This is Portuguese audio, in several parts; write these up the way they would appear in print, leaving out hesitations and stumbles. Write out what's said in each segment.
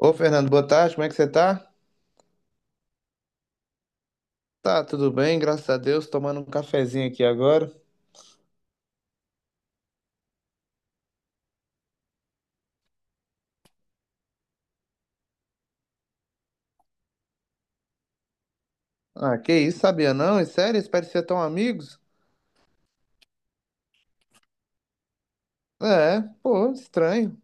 Ô Fernando, boa tarde, como é que você tá? Tá, tudo bem, graças a Deus, tomando um cafezinho aqui agora. Ah, que isso, sabia não? É sério, eles pareciam tão amigos? É, pô, estranho.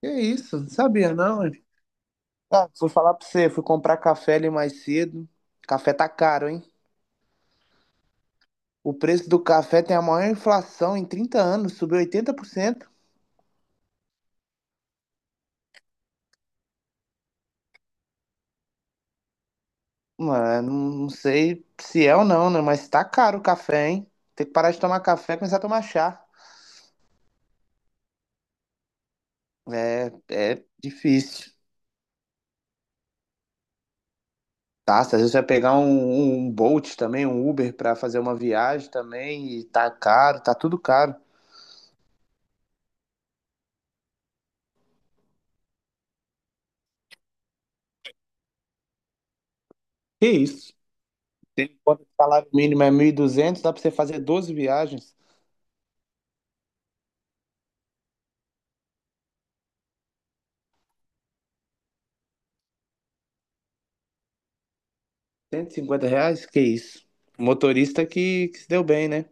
Que isso, sabia não, hein? Ah, fui falar pra você, fui comprar café ali mais cedo. Café tá caro, hein? O preço do café tem a maior inflação em 30 anos, subiu 80%. Mano, não sei se é ou não, né? Mas tá caro o café, hein? Tem que parar de tomar café e começar a tomar chá. É, é difícil. Tá, às vezes você vai pegar um Bolt também, um Uber pra fazer uma viagem também, e tá caro, tá tudo caro. Que isso? Tem quando o salário mínimo é 1.200 dá pra você fazer 12 viagens, R$ 150? Que isso? Motorista que se deu bem, né?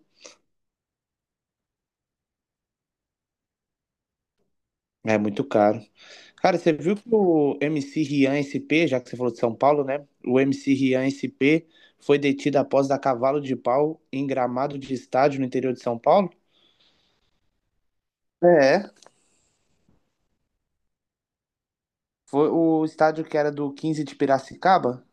É muito caro. Cara, você viu que o MC Rian SP, já que você falou de São Paulo, né? O MC Rian SP foi detido após dar cavalo de pau em gramado de estádio no interior de São Paulo? É, foi o estádio que era do 15 de Piracicaba.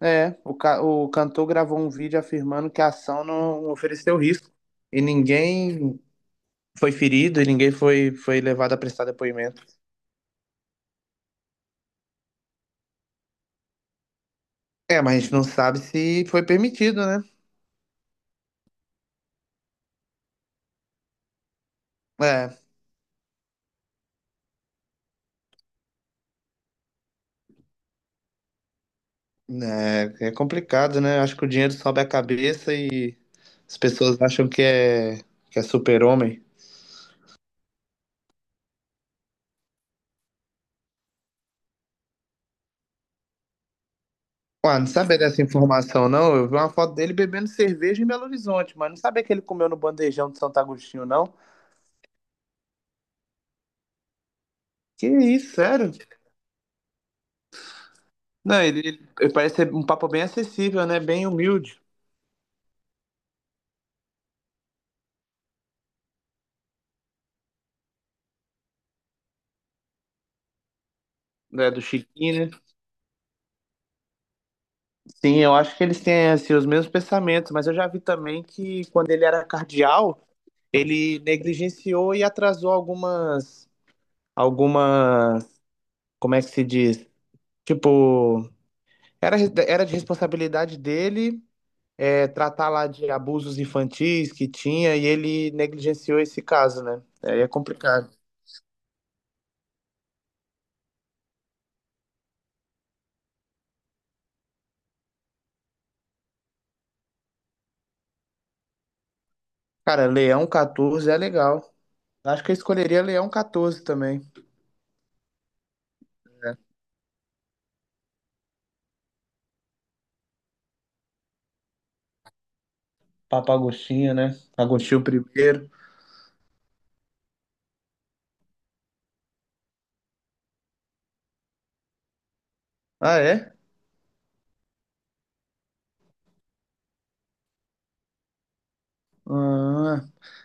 É, o cantor gravou um vídeo afirmando que a ação não ofereceu risco e ninguém foi ferido e ninguém foi levado a prestar depoimento. É, mas a gente não sabe se foi permitido, né? É, né, é complicado, né? Acho que o dinheiro sobe a cabeça e as pessoas acham que é super-homem. Ué, não sabia dessa informação, não. Eu vi uma foto dele bebendo cerveja em Belo Horizonte, mas não sabia que ele comeu no bandejão de Santo Agostinho, não. Que isso, sério? Não, ele parece ser um papo bem acessível, né? Bem humilde, né? Do Chiquinho, né? Sim, eu acho que eles têm assim, os mesmos pensamentos, mas eu já vi também que quando ele era cardeal, ele negligenciou e atrasou algumas, como é que se diz? Tipo, era, era de responsabilidade dele, tratar lá de abusos infantis que tinha e ele negligenciou esse caso, né? Aí é complicado. Cara, Leão 14 é legal. Acho que eu escolheria Leão 14 também. É. Papa Agostinho, né? Agostinho primeiro. Ah, é? Ah.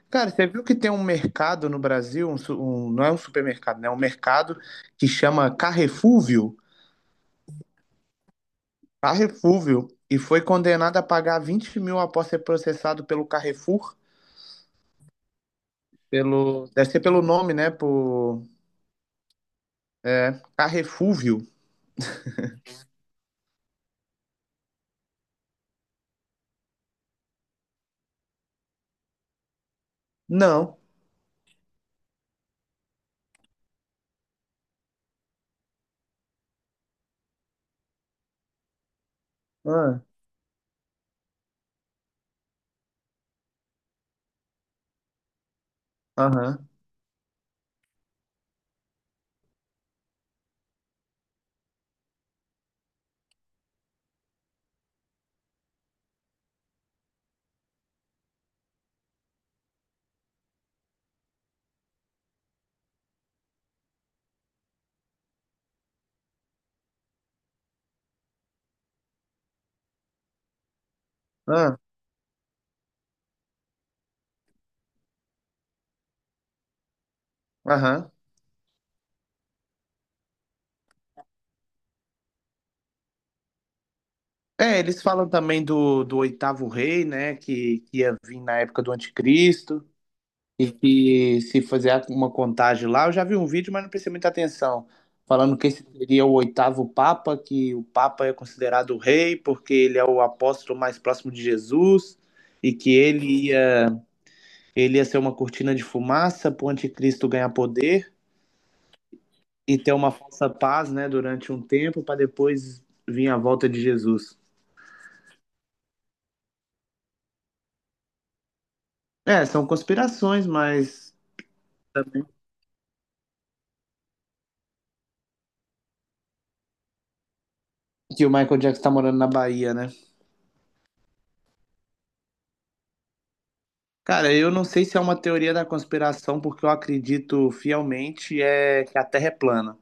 Cara, você viu que tem um mercado no Brasil, não é um supermercado, né? É um mercado que chama Carrefúvio. Carrefúvio. E foi condenado a pagar 20.000 após ser processado pelo Carrefour. Deve ser pelo nome, né? É, Carrefúvio. Não. Ah, aham. Ah, aham. É, eles falam também do oitavo rei, né? Que ia vir na época do anticristo. E que se fizer uma contagem lá, eu já vi um vídeo, mas não prestei muita atenção, falando que esse seria o oitavo Papa, que o Papa é considerado o rei, porque ele é o apóstolo mais próximo de Jesus, e que ele ia ser uma cortina de fumaça para o anticristo ganhar poder e ter uma falsa paz, né, durante um tempo, para depois vir a volta de Jesus. É, são conspirações, mas que o Michael Jackson está morando na Bahia, né? Cara, eu não sei se é uma teoria da conspiração, porque eu acredito fielmente é que a Terra é plana.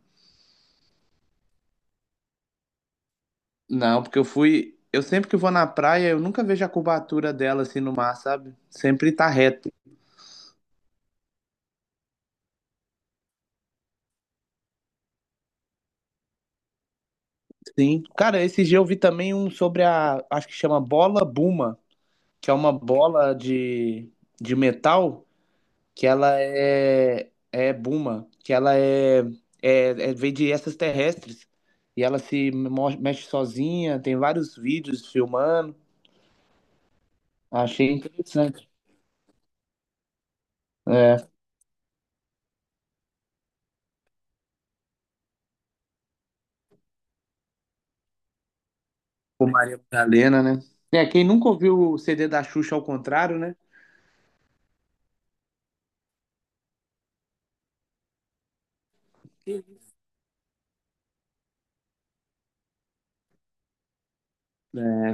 Não, porque eu fui. Eu sempre que vou na praia, eu nunca vejo a curvatura dela assim no mar, sabe? Sempre tá reto. Sim. Cara, esse dia eu vi também um sobre a. Acho que chama bola Buma, que é uma bola de metal que ela é. É Buma, que ela é. É, é vem de essas terrestres. E ela se mexe sozinha, tem vários vídeos filmando. Achei interessante. É, com Maria Madalena, né? É, quem nunca ouviu o CD da Xuxa ao contrário, né? É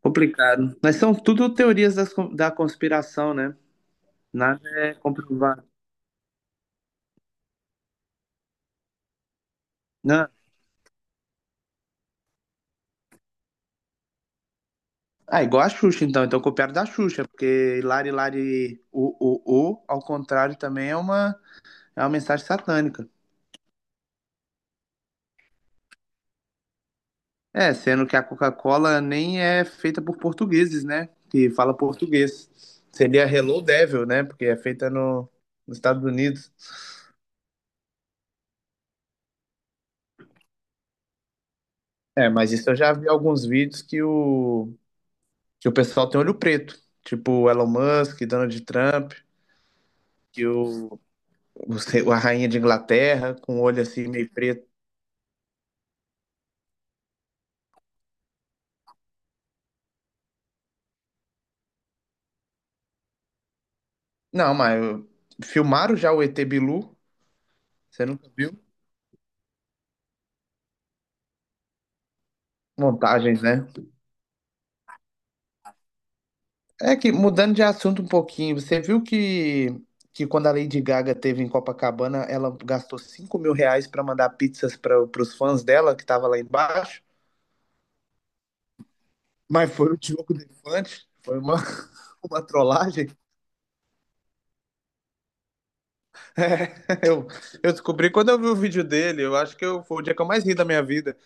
complicado. Mas são tudo teorias da conspiração, né? Nada é comprovado. Né? Ah, igual a Xuxa, então. Então copiaram da Xuxa, porque Lari Lari o, ao contrário, também é uma mensagem satânica. É, sendo que a Coca-Cola nem é feita por portugueses, né? Que fala português. Seria Hello Devil, né? Porque é feita no, nos Estados Unidos. É, mas isso eu já vi alguns vídeos que o pessoal tem olho preto. Tipo o Elon Musk, Donald Trump, que o, a rainha de Inglaterra com o olho assim meio preto. Não, filmaram já o ET Bilu? Você nunca viu? Montagens, né? É que, mudando de assunto um pouquinho, você viu que quando a Lady Gaga teve em Copacabana, ela gastou R$ 5.000 para mandar pizzas para os fãs dela que tava lá embaixo? Mas foi o Diogo Defante, foi uma, uma trollagem. É, eu, eu descobri quando eu vi o vídeo dele, eu acho que foi o dia que eu mais ri da minha vida.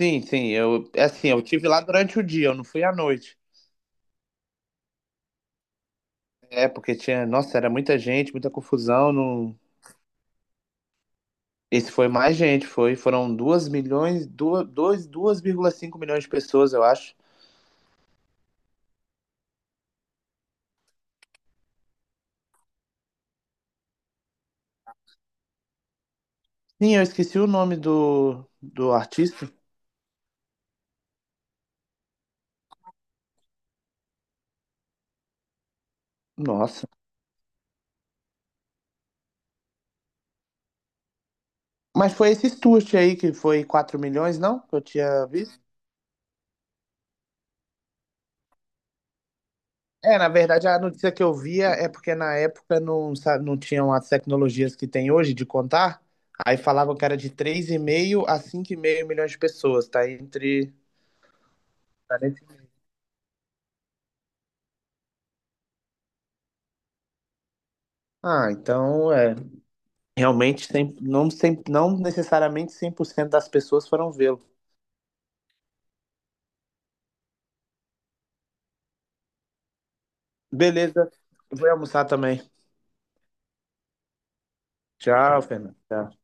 Sim, sim, é assim, eu tive lá durante o dia, eu não fui à noite. É, porque tinha, nossa, era muita gente, muita confusão, não. Esse foi mais gente, foram 2 milhões, 2, vírgula cinco milhões de pessoas, eu acho. Sim, eu esqueci o nome do artista. Nossa. Mas foi esse Stuart aí que foi 4 milhões, não? Que eu tinha visto. É, na verdade, a notícia que eu via é porque na época não tinham as tecnologias que tem hoje de contar. Aí falavam que era de 3,5 a 5,5 milhões de pessoas, tá entre. tá nesse- Ah, então é. Realmente, não necessariamente 100% das pessoas foram vê-lo. Beleza, vou almoçar também. Tchau, Fernando. Tchau.